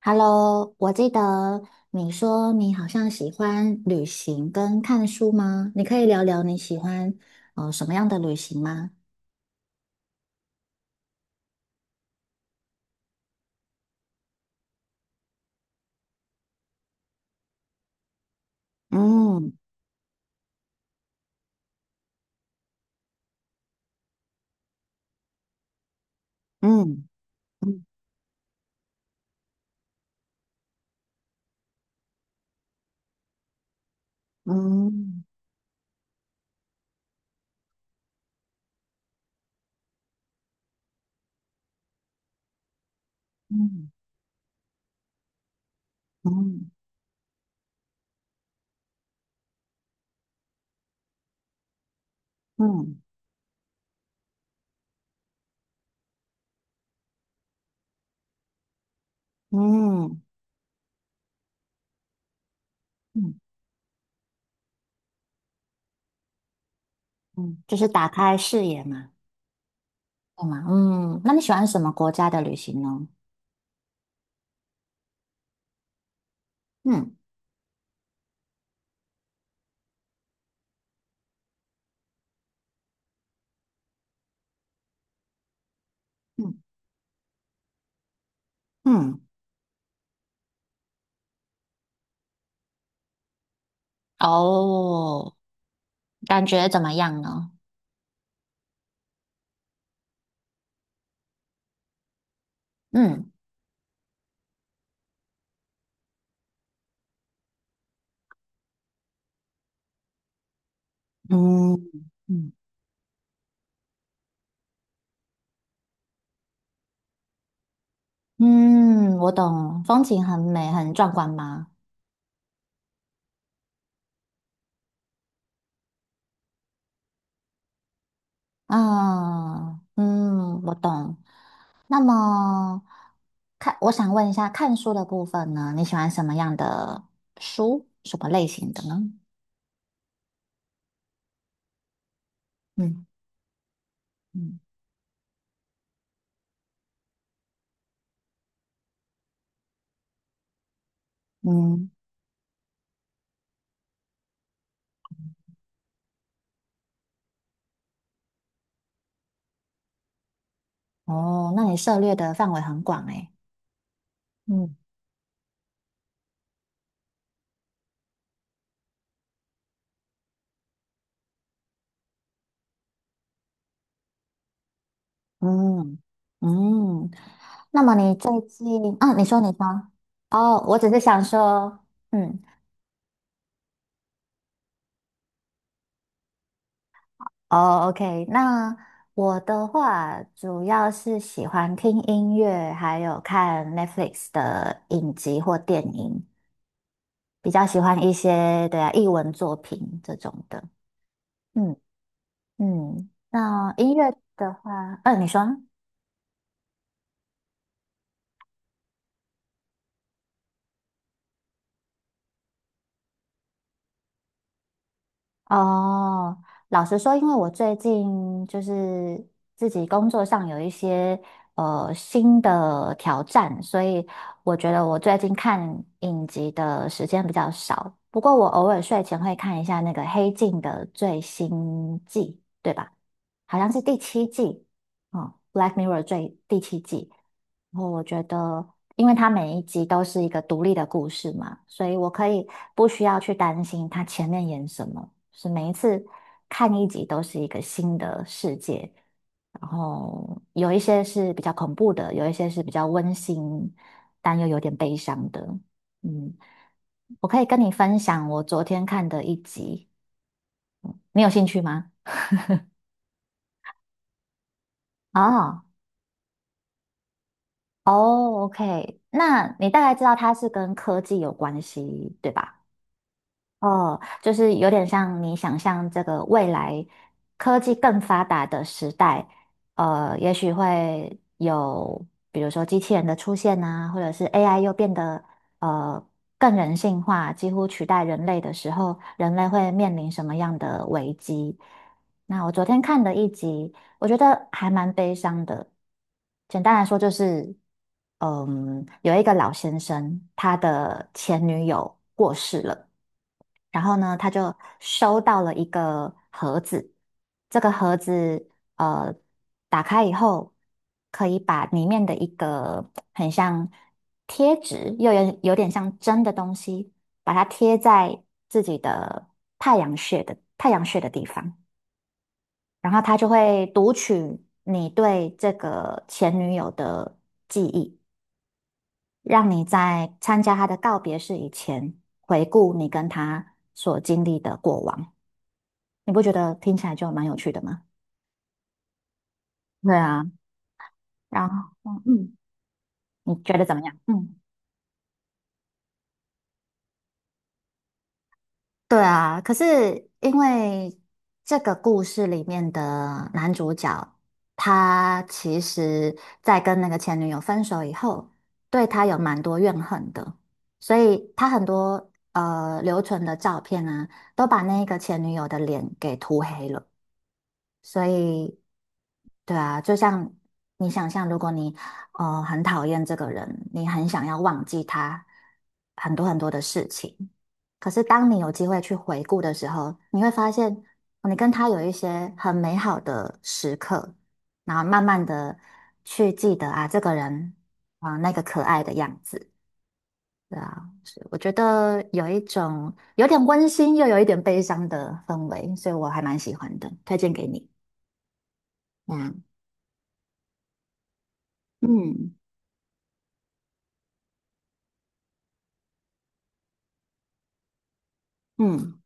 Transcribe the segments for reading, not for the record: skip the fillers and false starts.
Hello，我记得你说你好像喜欢旅行跟看书吗？你可以聊聊你喜欢什么样的旅行吗？嗯，嗯，嗯，嗯，嗯，嗯，嗯，嗯，嗯，嗯，就是打开视野嘛，对吗？嗯，那你喜欢什么国家的旅行呢？嗯，嗯，嗯，哦，感觉怎么样呢？嗯，嗯，嗯，嗯，我懂，风景很美，很壮观吗？啊，嗯，我懂。那么，我想问一下，看书的部分呢，你喜欢什么样的书，什么类型的呢？嗯，嗯，嗯，哦，那你涉猎的范围很广诶。嗯，嗯，嗯，那么你最近，啊，你说你说，哦，我只是想说，嗯。哦，OK，那我的话主要是喜欢听音乐，还有看 Netflix 的影集或电影，比较喜欢一些，对啊，艺文作品这种的。嗯，嗯，那音乐的话，嗯，你说。哦，老实说，因为我最近就是自己工作上有一些新的挑战，所以我觉得我最近看影集的时间比较少。不过我偶尔睡前会看一下那个《黑镜》的最新季，对吧？好像是第七季，哦，《Black Mirror》第七季。然后我觉得，因为它每一集都是一个独立的故事嘛，所以我可以不需要去担心它前面演什么。是每一次看一集都是一个新的世界，然后有一些是比较恐怖的，有一些是比较温馨，但又有点悲伤的。嗯，我可以跟你分享我昨天看的一集，你有兴趣吗？啊，哦，OK，那你大概知道它是跟科技有关系，对吧？哦，就是有点像你想象这个未来科技更发达的时代，也许会有比如说机器人的出现啊，或者是 AI 又变得呃更人性化，几乎取代人类的时候，人类会面临什么样的危机？那我昨天看的一集，我觉得还蛮悲伤的。简单来说就是，嗯，有一个老先生，他的前女友过世了。然后呢，他就收到了一个盒子，这个盒子呃打开以后，可以把里面的一个很像贴纸，又有点像针的东西，把它贴在自己的太阳穴的地方，然后他就会读取你对这个前女友的记忆，让你在参加他的告别式以前，回顾你跟他所经历的过往。你不觉得听起来就蛮有趣的吗？对啊，然后，嗯，你觉得怎么样？嗯，对啊。可是因为这个故事里面的男主角，他其实在跟那个前女友分手以后，对他有蛮多怨恨的，所以他很多留存的照片啊，都把那个前女友的脸给涂黑了。所以，对啊，就像你想象，如果你很讨厌这个人，你很想要忘记他很多很多的事情，可是当你有机会去回顾的时候，你会发现哦你跟他有一些很美好的时刻，然后慢慢的去记得啊，这个人啊，那个可爱的样子，对啊，是我觉得有一种有点温馨又有一点悲伤的氛围，所以我还蛮喜欢的，推荐给你。嗯。嗯，嗯，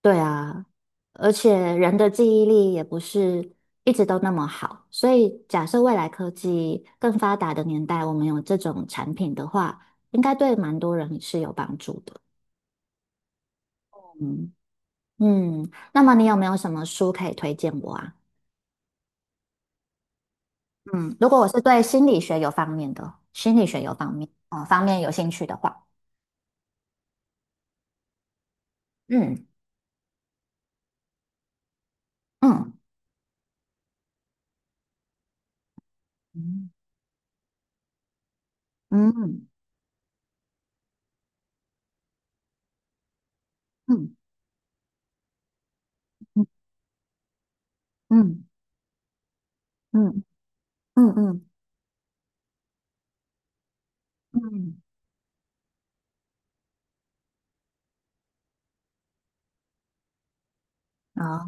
对啊，而且人的记忆力也不是一直都那么好，所以假设未来科技更发达的年代，我们有这种产品的话，应该对蛮多人是有帮助的。嗯，嗯，那么你有没有什么书可以推荐我啊？嗯，如果我是对心理学有方面的，心理学有方面有兴趣的话，嗯，嗯，嗯，嗯，嗯，嗯，嗯，嗯，嗯，嗯，嗯，嗯哦。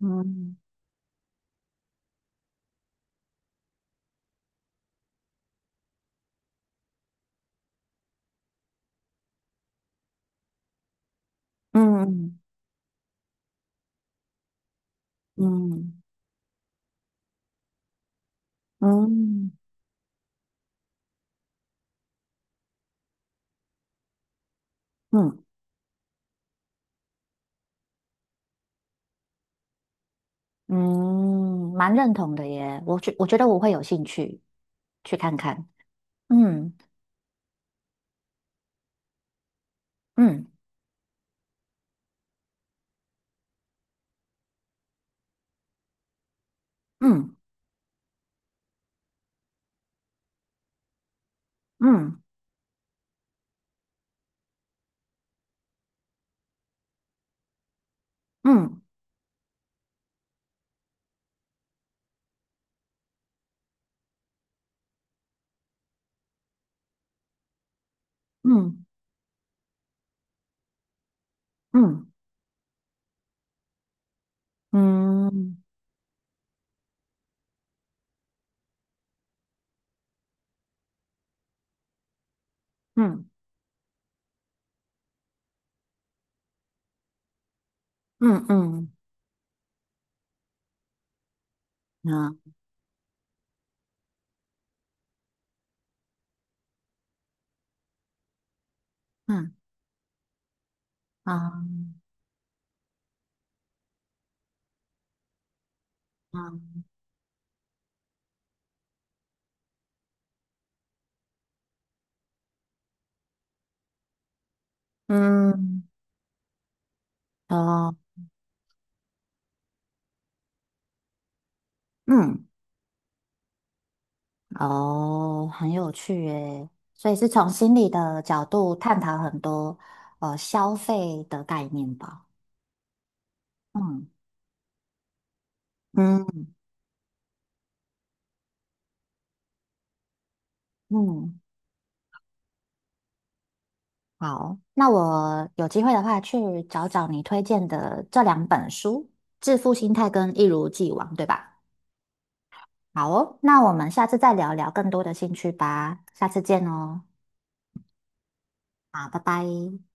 嗯，嗯，嗯，嗯，嗯，嗯，蛮认同的耶。我觉得我会有兴趣去看看。嗯，嗯，嗯，嗯，嗯，嗯，嗯，嗯，嗯，嗯，嗯，啊，嗯，啊，嗯，嗯，哦，嗯，哦，很有趣耶。所以是从心理的角度探讨很多消费的概念吧。嗯，嗯，嗯，好，那我有机会的话去找找你推荐的这两本书，《致富心态》跟《一如既往》，对吧？好哦，那我们下次再聊聊更多的兴趣吧，下次见哦，好，拜拜。